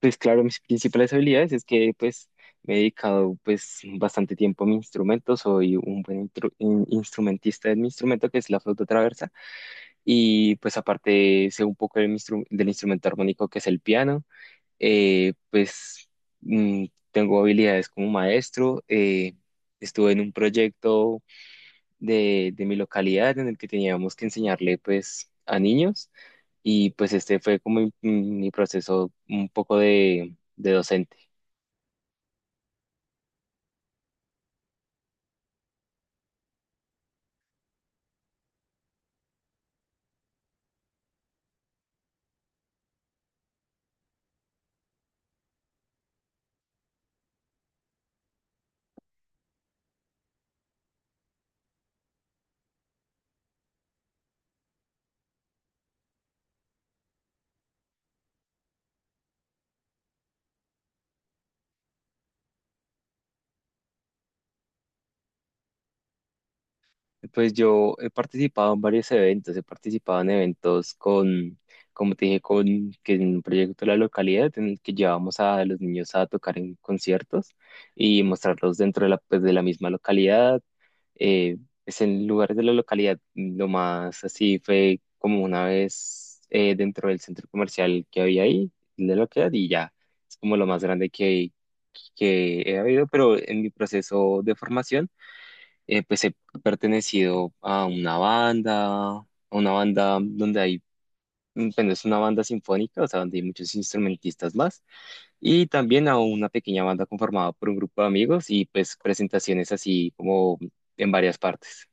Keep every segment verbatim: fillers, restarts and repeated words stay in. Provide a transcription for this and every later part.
Pues claro, mis principales habilidades es que pues me he dedicado pues bastante tiempo a mi instrumento, soy un buen intru- in- instrumentista de mi instrumento, que es la flauta traversa, y pues aparte sé un poco del, instru- del instrumento armónico, que es el piano. Eh, pues mm, tengo habilidades como maestro. Eh, estuve en un proyecto de, de mi localidad en el que teníamos que enseñarle pues a niños, y pues este fue como mi, mi proceso un poco de, de docente. Pues yo he participado en varios eventos, he participado en eventos con, como te dije, con que en un proyecto de la localidad en el que llevábamos a los niños a tocar en conciertos y mostrarlos dentro de la, pues, de la misma localidad. Eh, pues en lugares de la localidad, lo más así fue como una vez eh, dentro del centro comercial que había ahí, de la localidad, y ya, es como lo más grande que, que he habido. Pero en mi proceso de formación, eh, pues he pertenecido a una banda, a una banda donde hay, mm, bueno, es una banda sinfónica, o sea, donde hay muchos instrumentistas más, y también a una pequeña banda conformada por un grupo de amigos, y pues presentaciones así como en varias partes.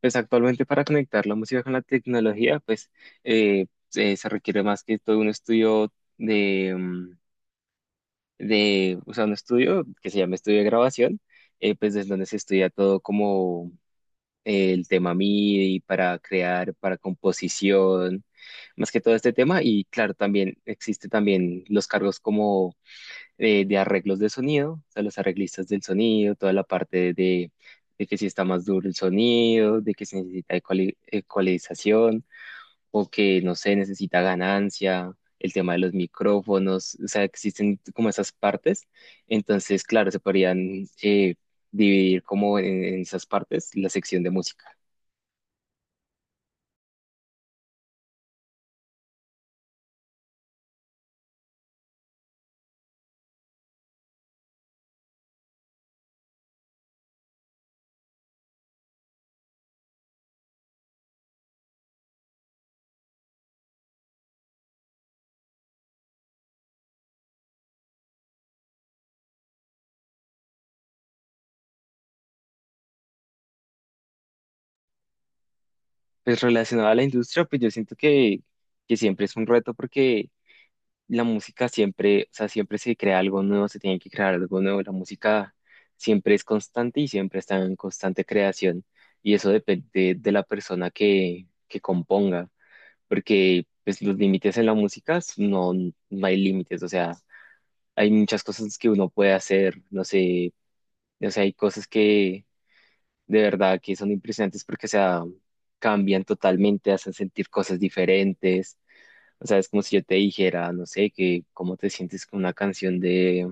Pues actualmente, para conectar la música con la tecnología, pues eh, se se requiere más que todo un estudio de, mm, de, o sea, un estudio que se llama estudio de grabación, eh, pues desde donde se estudia todo como el tema MIDI para crear, para composición, más que todo este tema. Y claro, también existe también los cargos como eh, de arreglos de sonido, o sea, los arreglistas del sonido, toda la parte de, de que si está más duro el sonido, de que se necesita ecuali- ecualización, o que, no sé, necesita ganancia. El tema de los micrófonos, o sea, existen como esas partes, entonces, claro, se podrían eh, dividir como en en esas partes la sección de música. Pues relacionado a la industria, pues yo siento que, que siempre es un reto, porque la música siempre, o sea, siempre se crea algo nuevo, se tiene que crear algo nuevo. La música siempre es constante y siempre está en constante creación. Y eso depende de la persona que, que componga, porque pues los límites en la música s- no, no hay límites. O sea, hay muchas cosas que uno puede hacer, no sé, o sea, hay cosas que de verdad que son impresionantes porque, o sea, cambian totalmente, hacen sentir cosas diferentes. O sea, es como si yo te dijera, no sé, que cómo te sientes con una canción de,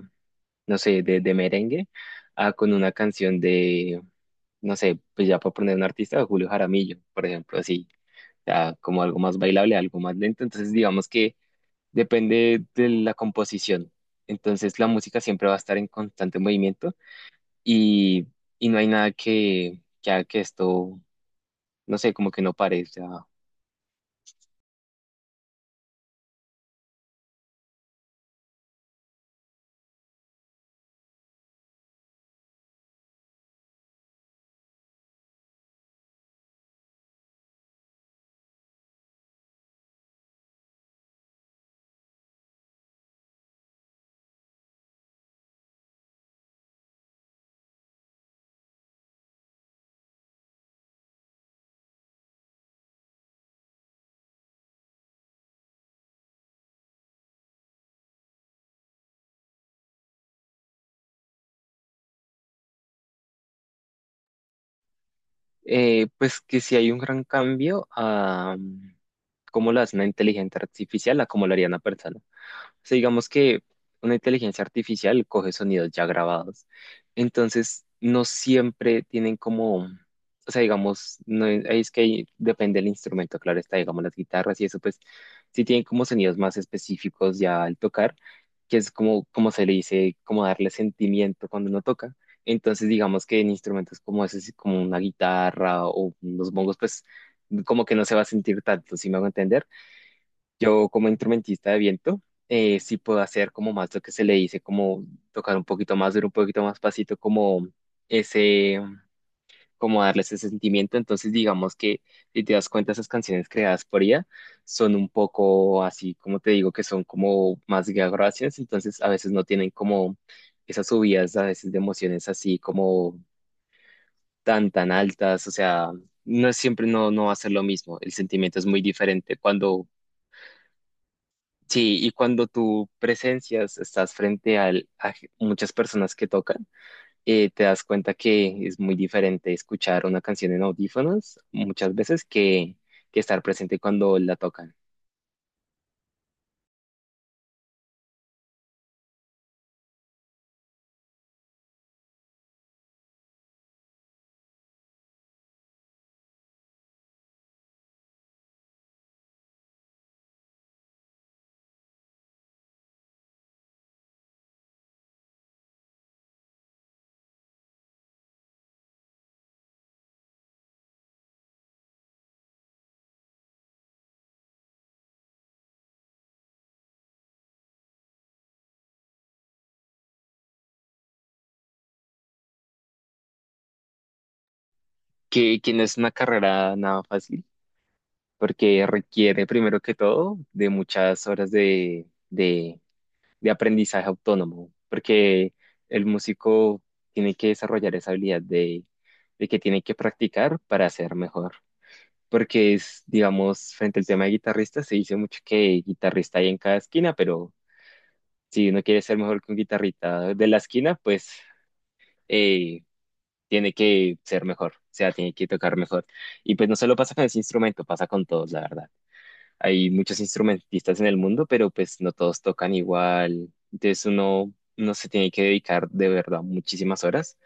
no sé, de, de merengue, a con una canción de, no sé, pues ya para poner un artista, de Julio Jaramillo, por ejemplo, así, ya como algo más bailable, algo más lento. Entonces, digamos que depende de la composición. Entonces, la música siempre va a estar en constante movimiento y, y no hay nada que, que haga que esto, no sé, como que no parece. Ah. Eh, pues que si hay un gran cambio a mm, cómo lo hace una inteligencia artificial a cómo lo haría una persona. O sea, digamos que una inteligencia artificial coge sonidos ya grabados. Entonces, no siempre tienen como, o sea, digamos, no es, ahí es que ahí depende del instrumento, claro está, digamos, las guitarras y eso, pues sí tienen como sonidos más específicos ya al tocar, que es como, como se le dice, como darle sentimiento cuando uno toca. Entonces, digamos que en instrumentos como ese, como una guitarra o los bongos, pues como que no se va a sentir tanto, ¿si me hago entender? Yo como instrumentista de viento, eh, sí puedo hacer como más lo que se le dice, como tocar un poquito más duro, un poquito más pasito, como ese, como darle ese sentimiento. Entonces digamos que si te das cuenta, esas canciones creadas por ella son un poco así, como te digo, que son como más gracias, entonces a veces no tienen como esas subidas a veces de emociones así como tan, tan altas, o sea, no es siempre, no, no va a ser lo mismo, el sentimiento es muy diferente cuando... Sí, y cuando tú presencias, estás frente al- a g- muchas personas que tocan, eh, te das cuenta que es muy diferente escuchar una canción en audífonos muchas veces que, que estar presente cuando la tocan. Que, que no es una carrera nada fácil, porque requiere primero que todo de muchas horas de, de, de aprendizaje autónomo, porque el músico tiene que desarrollar esa habilidad de, de que tiene que practicar para ser mejor. Porque es, digamos, frente al tema de guitarrista se dice mucho que guitarrista hay en cada esquina, pero si uno quiere ser mejor que un guitarrista de la esquina, pues eh, tiene que ser mejor, o sea, tiene que tocar mejor. Y pues no solo pasa con ese instrumento, pasa con todos, la verdad. Hay muchos instrumentistas en el mundo, pero pues no todos tocan igual, entonces uno, no se tiene que dedicar de verdad muchísimas horas,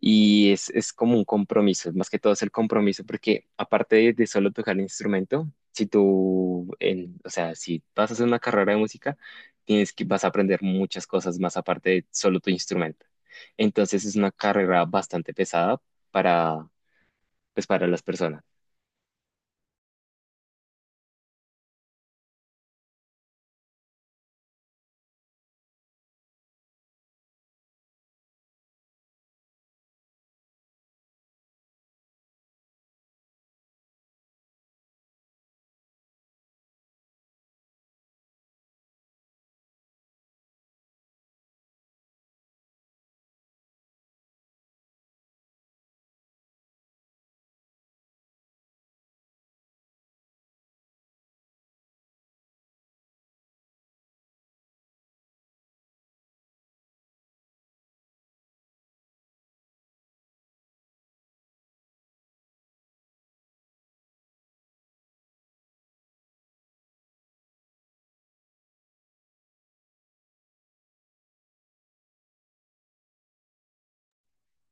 y es, es como un compromiso, más que todo es el compromiso, porque aparte de, de solo tocar el instrumento, si tú, en- o sea, si vas a hacer una carrera de música, tienes que, vas a aprender muchas cosas más aparte de solo tu instrumento. Entonces es una carrera bastante pesada para, pues, para las personas.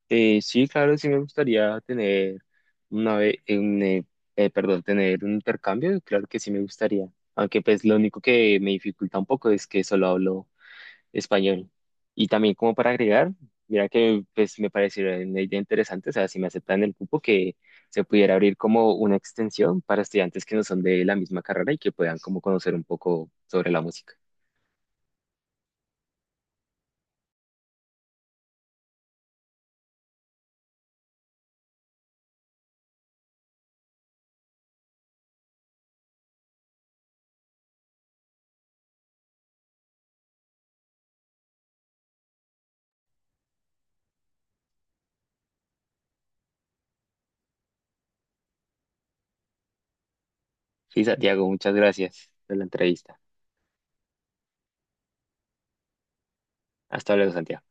Eh, sí, claro, sí me gustaría tener una vez, perdón, tener un intercambio, claro que sí me gustaría. Aunque pues lo único que me dificulta un poco es que solo hablo español. Y también como para agregar, mira que pues me pareció una idea interesante, o sea, si me aceptan el cupo, que se pudiera abrir como una extensión para estudiantes que no son de la misma carrera y que puedan como conocer un poco sobre la música. Sí, Santiago, muchas gracias por la entrevista. Hasta luego, Santiago.